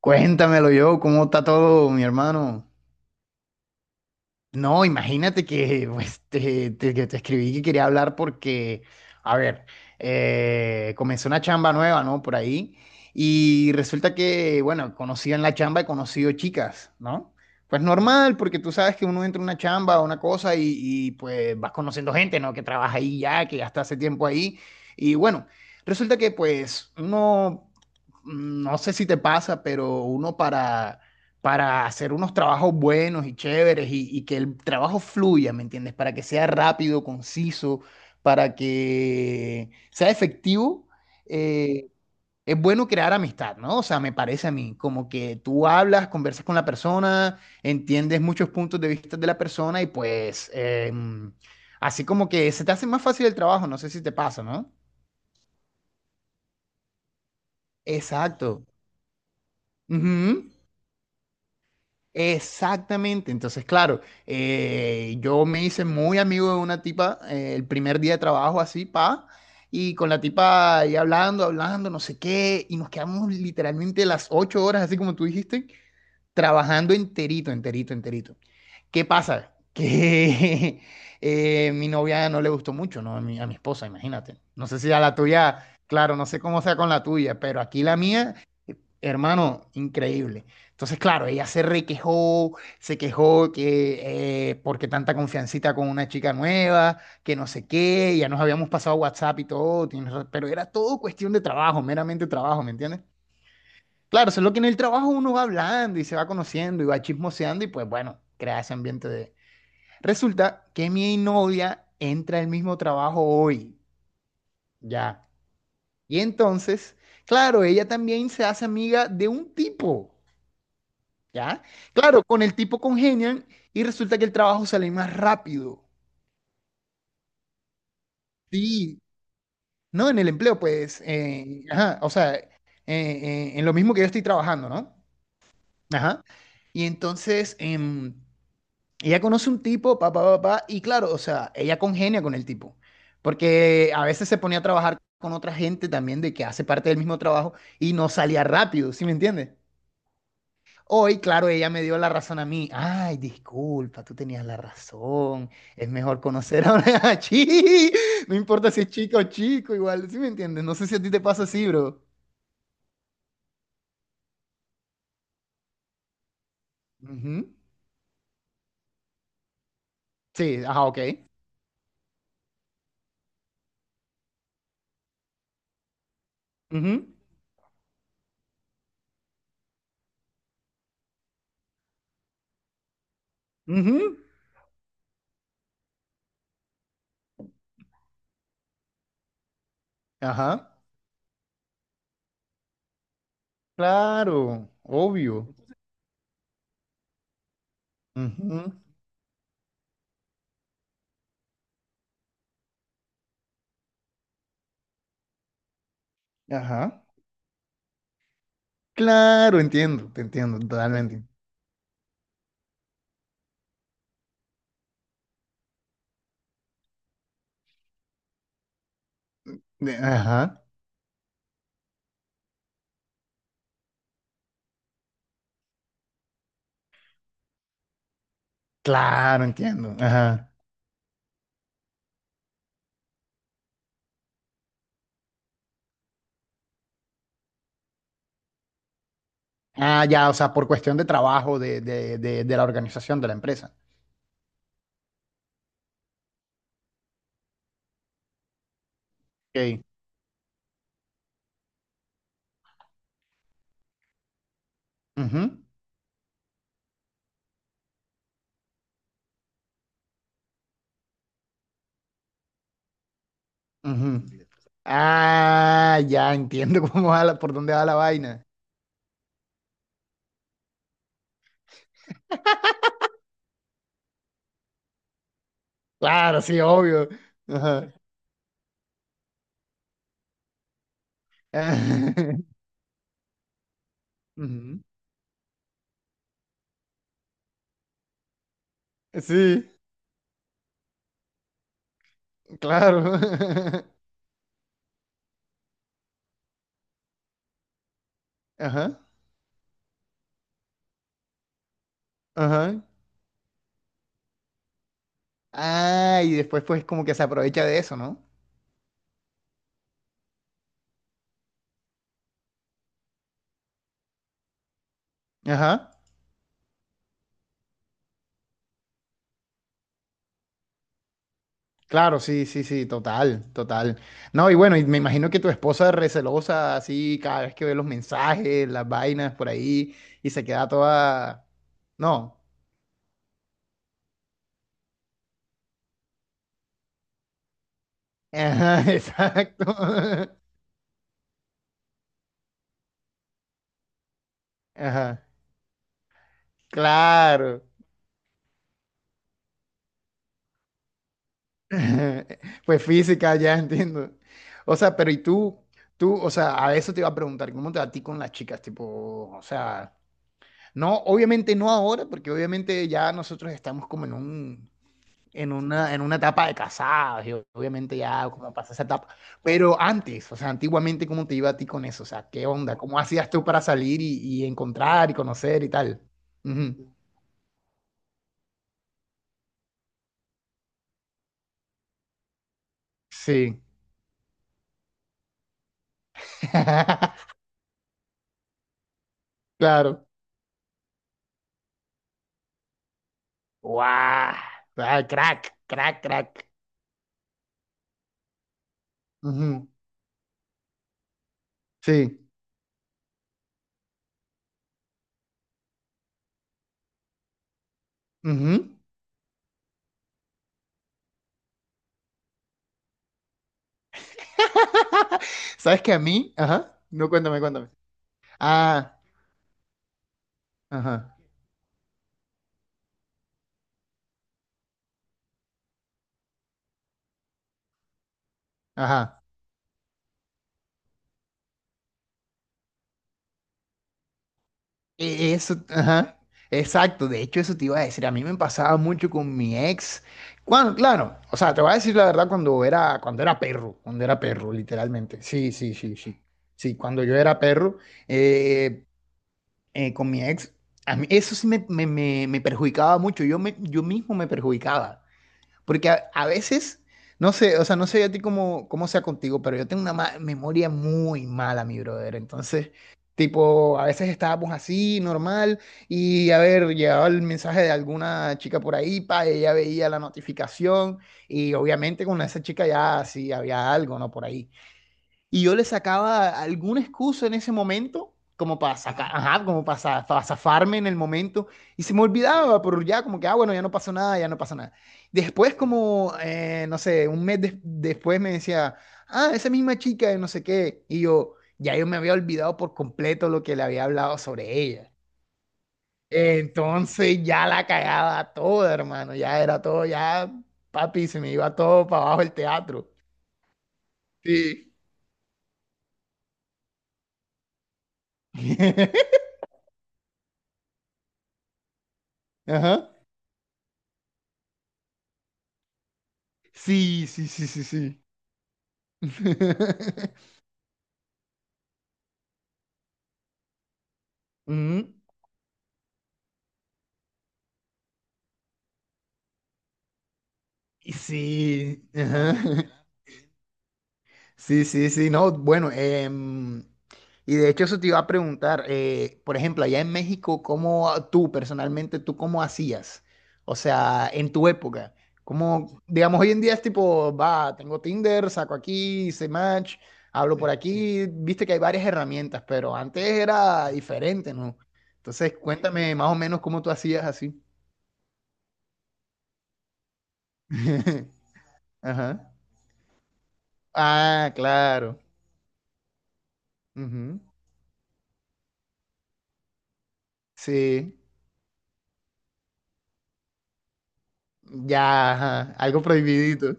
Cuéntamelo yo, ¿cómo está todo, mi hermano? No, imagínate que pues, que te escribí que quería hablar porque, a ver, comenzó una chamba nueva, ¿no? Por ahí. Y resulta que, bueno, conocí en la chamba, he conocido chicas, ¿no? Pues normal, porque tú sabes que uno entra a una chamba, a una cosa, y pues vas conociendo gente, ¿no? Que trabaja ahí ya, que ya está hace tiempo ahí. Y bueno, resulta que pues uno, no sé si te pasa, pero uno para hacer unos trabajos buenos y chéveres y que el trabajo fluya, ¿me entiendes? Para que sea rápido, conciso, para que sea efectivo, eh, es bueno crear amistad, ¿no? O sea, me parece a mí, como que tú hablas, conversas con la persona, entiendes muchos puntos de vista de la persona y pues así como que se te hace más fácil el trabajo, no sé si te pasa, ¿no? Exacto. Ujú. Exactamente, entonces claro, yo me hice muy amigo de una tipa el primer día de trabajo así, pa, y con la tipa ahí hablando, hablando, no sé qué, y nos quedamos literalmente las 8 horas, así como tú dijiste, trabajando enterito, enterito, enterito. ¿Qué pasa? Que mi novia no le gustó mucho, ¿no? A mi esposa, imagínate. No sé si a la tuya, claro, no sé cómo sea con la tuya, pero aquí la mía. Hermano, increíble. Entonces, claro, ella se quejó que porque tanta confiancita con una chica nueva, que no sé qué, ya nos habíamos pasado WhatsApp y todo, pero era todo cuestión de trabajo, meramente trabajo, ¿me entiendes? Claro, eso es lo que en el trabajo uno va hablando y se va conociendo y va chismoseando y pues bueno, crea ese ambiente de... Resulta que mi novia entra al mismo trabajo hoy, ya. Y entonces, claro, ella también se hace amiga de un tipo. ¿Ya? Claro, con el tipo congenian y resulta que el trabajo sale más rápido. Sí, no en el empleo, pues, ajá, o sea, en lo mismo que yo estoy trabajando, ¿no? Ajá. Y entonces, ella conoce un tipo, papá, papá, y claro, o sea, ella congenia con el tipo, porque a veces se ponía a trabajar con otra gente también de que hace parte del mismo trabajo y no salía rápido, ¿sí me entiendes? Hoy, claro, ella me dio la razón a mí. Ay, disculpa, tú tenías la razón. Es mejor conocer a una chi. No importa si es chica o chico, igual. ¿Sí me entiendes? No sé si a ti te pasa así, bro. Ujú. Sí, ajá, ok. Ujú, ujú. Ajá. Claro, obvio. Ujú. Ajá. Claro, entiendo, te entiendo totalmente. Ajá. Claro, entiendo. Ajá. Ah, ya, o sea, por cuestión de trabajo de la organización de la empresa. Ok. Ujú. Ujú. Ah, ya entiendo cómo va por dónde va la vaina. Claro, sí, obvio. Ajá. Ujú. Sí, claro. Ajá, ajá. Ah, y después pues como que se aprovecha de eso, ¿no? Ajá. Claro, sí, sí, sí, total, total. No, y bueno, y me imagino que tu esposa es recelosa así cada vez que ve los mensajes, las vainas por ahí y se queda toda... No. Ajá, exacto. Ajá. Claro. Pues física, ya entiendo. O sea, pero y tú, o sea, a eso te iba a preguntar, ¿cómo te va a ti con las chicas? Tipo, o sea, no, obviamente no ahora, porque obviamente ya nosotros estamos como en una etapa de casados, y obviamente ya como pasa esa etapa. Pero antes, o sea, antiguamente, ¿cómo te iba a ti con eso? O sea, ¿qué onda? ¿Cómo hacías tú para salir y encontrar y conocer y tal? Ujú. Sí. Claro. ¡Guau! Ah, crack, crack, crack. Ujú. Sí. Ujú. ¿Sabes que a mí? Ajá. No, cuéntame, cuéntame. Ah, ajá, ajá. Eso, ajá. Exacto. De hecho, eso te iba a decir. A mí me pasaba mucho con mi ex. Claro, o sea, te voy a decir la verdad cuando era perro, literalmente. Sí, sí, sí, sí. Sí, cuando yo era perro, eh, con mi ex, a mí eso sí me perjudicaba mucho, yo, me, yo mismo me perjudicaba, porque a veces, no sé, o sea, no sé a ti cómo sea contigo, pero yo tengo una memoria muy mala, mi brother, entonces, tipo, a veces estábamos así, normal, y a ver, llegaba el mensaje de alguna chica por ahí, pa, ella veía la notificación, y obviamente con esa chica ya sí había algo, ¿no? Por ahí. Y yo le sacaba alguna excusa en ese momento, como para sacar, ajá, como para zafarme en el momento. Y se me olvidaba, pero ya como que, ah, bueno, ya no pasó nada, ya no pasó nada. Después, como, no sé, un mes después me decía, ah, esa misma chica de no sé qué. Y yo, ya yo me había olvidado por completo lo que le había hablado sobre ella. Entonces ya la cagaba toda, hermano, ya era todo, ya, papi, se me iba todo para abajo el teatro. Sí. Ajá. Sí, sí, sí, sí, sí. Mm, y sí, ajá. Sí, sí, sí, no, bueno, y de hecho eso te iba a preguntar, por ejemplo, allá en México, ¿cómo tú personalmente, tú cómo hacías? O sea, en tu época, como, digamos, hoy en día es tipo, va, tengo Tinder, saco aquí, hice match, hablo por aquí, viste que hay varias herramientas, pero antes era diferente, ¿no? Entonces, cuéntame más o menos cómo tú hacías así. Ajá. Ah, claro. Ujú. Sí, ya, ajá. Algo prohibidito.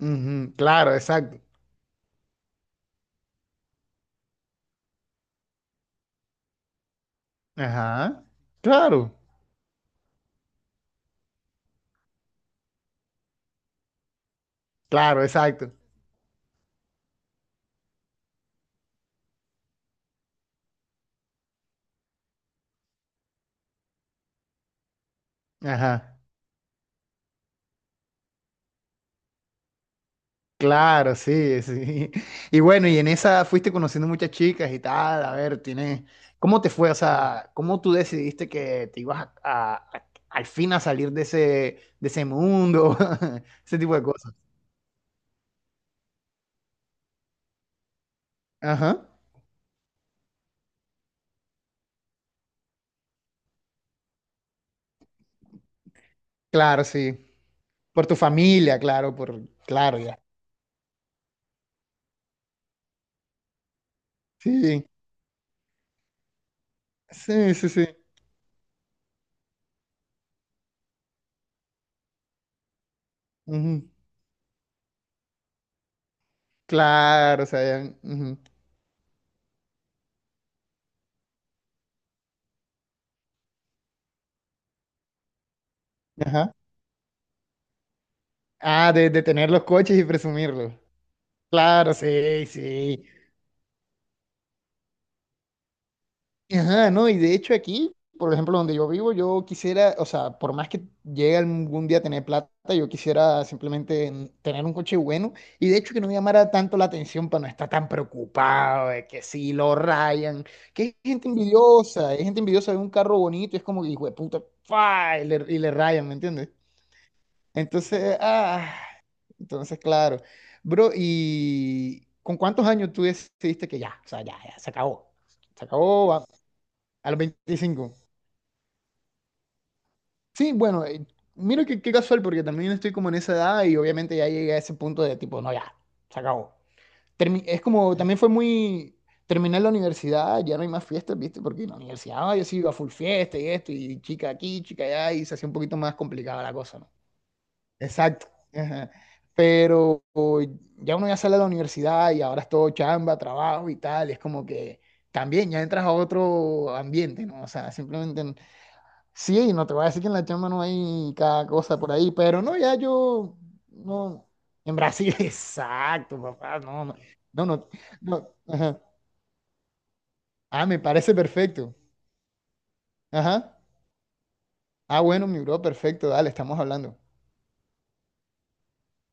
Ujú. Claro, exacto. Ajá. Claro, claro, exacto. Ajá. Claro, sí, sí. Y bueno, y en esa fuiste conociendo muchas chicas y tal. A ver, tienes. ¿Cómo te fue? O sea, ¿cómo tú decidiste que te ibas al fin a salir de ese mundo? Ese tipo de cosas. Ajá. Claro, sí. Por tu familia, claro, por, claro, ya. Sí, sí, sí, sí. Ujú. Claro, o sea, ya, ujú. Ajá. Ah, de tener los coches y presumirlos. Claro, sí, sí. Ajá, no, y de hecho aquí, por ejemplo, donde yo vivo, yo quisiera, o sea, por más que llegue algún día a tener plata, yo quisiera simplemente tener un coche bueno y de hecho que no me llamara tanto la atención para no estar tan preocupado de que si lo rayan, que hay gente envidiosa de un carro bonito y es como que, hijo de puta, ¡fua! Y le rayan, ¿me entiendes? Entonces, ah, entonces, claro. Bro, ¿y con cuántos años tú decidiste que ya, o sea, ya, ya, se acabó? Se acabó a los 25. Sí, bueno, mira que qué casual, porque también estoy como en esa edad y obviamente ya llegué a ese punto de tipo, no, ya, se acabó. Es como, también fue muy, terminé la universidad, ya no hay más fiestas, ¿viste? Porque en la universidad yo sí iba a full fiesta y esto, y chica aquí, chica allá, y se hacía un poquito más complicada la cosa. Exacto. Ajá. Pero o, ya uno ya sale de la universidad y ahora es todo chamba, trabajo y tal, y es como que también ya entras a otro ambiente, ¿no? O sea, simplemente sí, no te voy a decir que en la chamba no hay cada cosa por ahí, pero no, ya yo, no, en Brasil, exacto, papá, no, no, no, no, no, ajá. Ah, me parece perfecto. Ajá. Ah, bueno, mi bro, perfecto, dale, estamos hablando.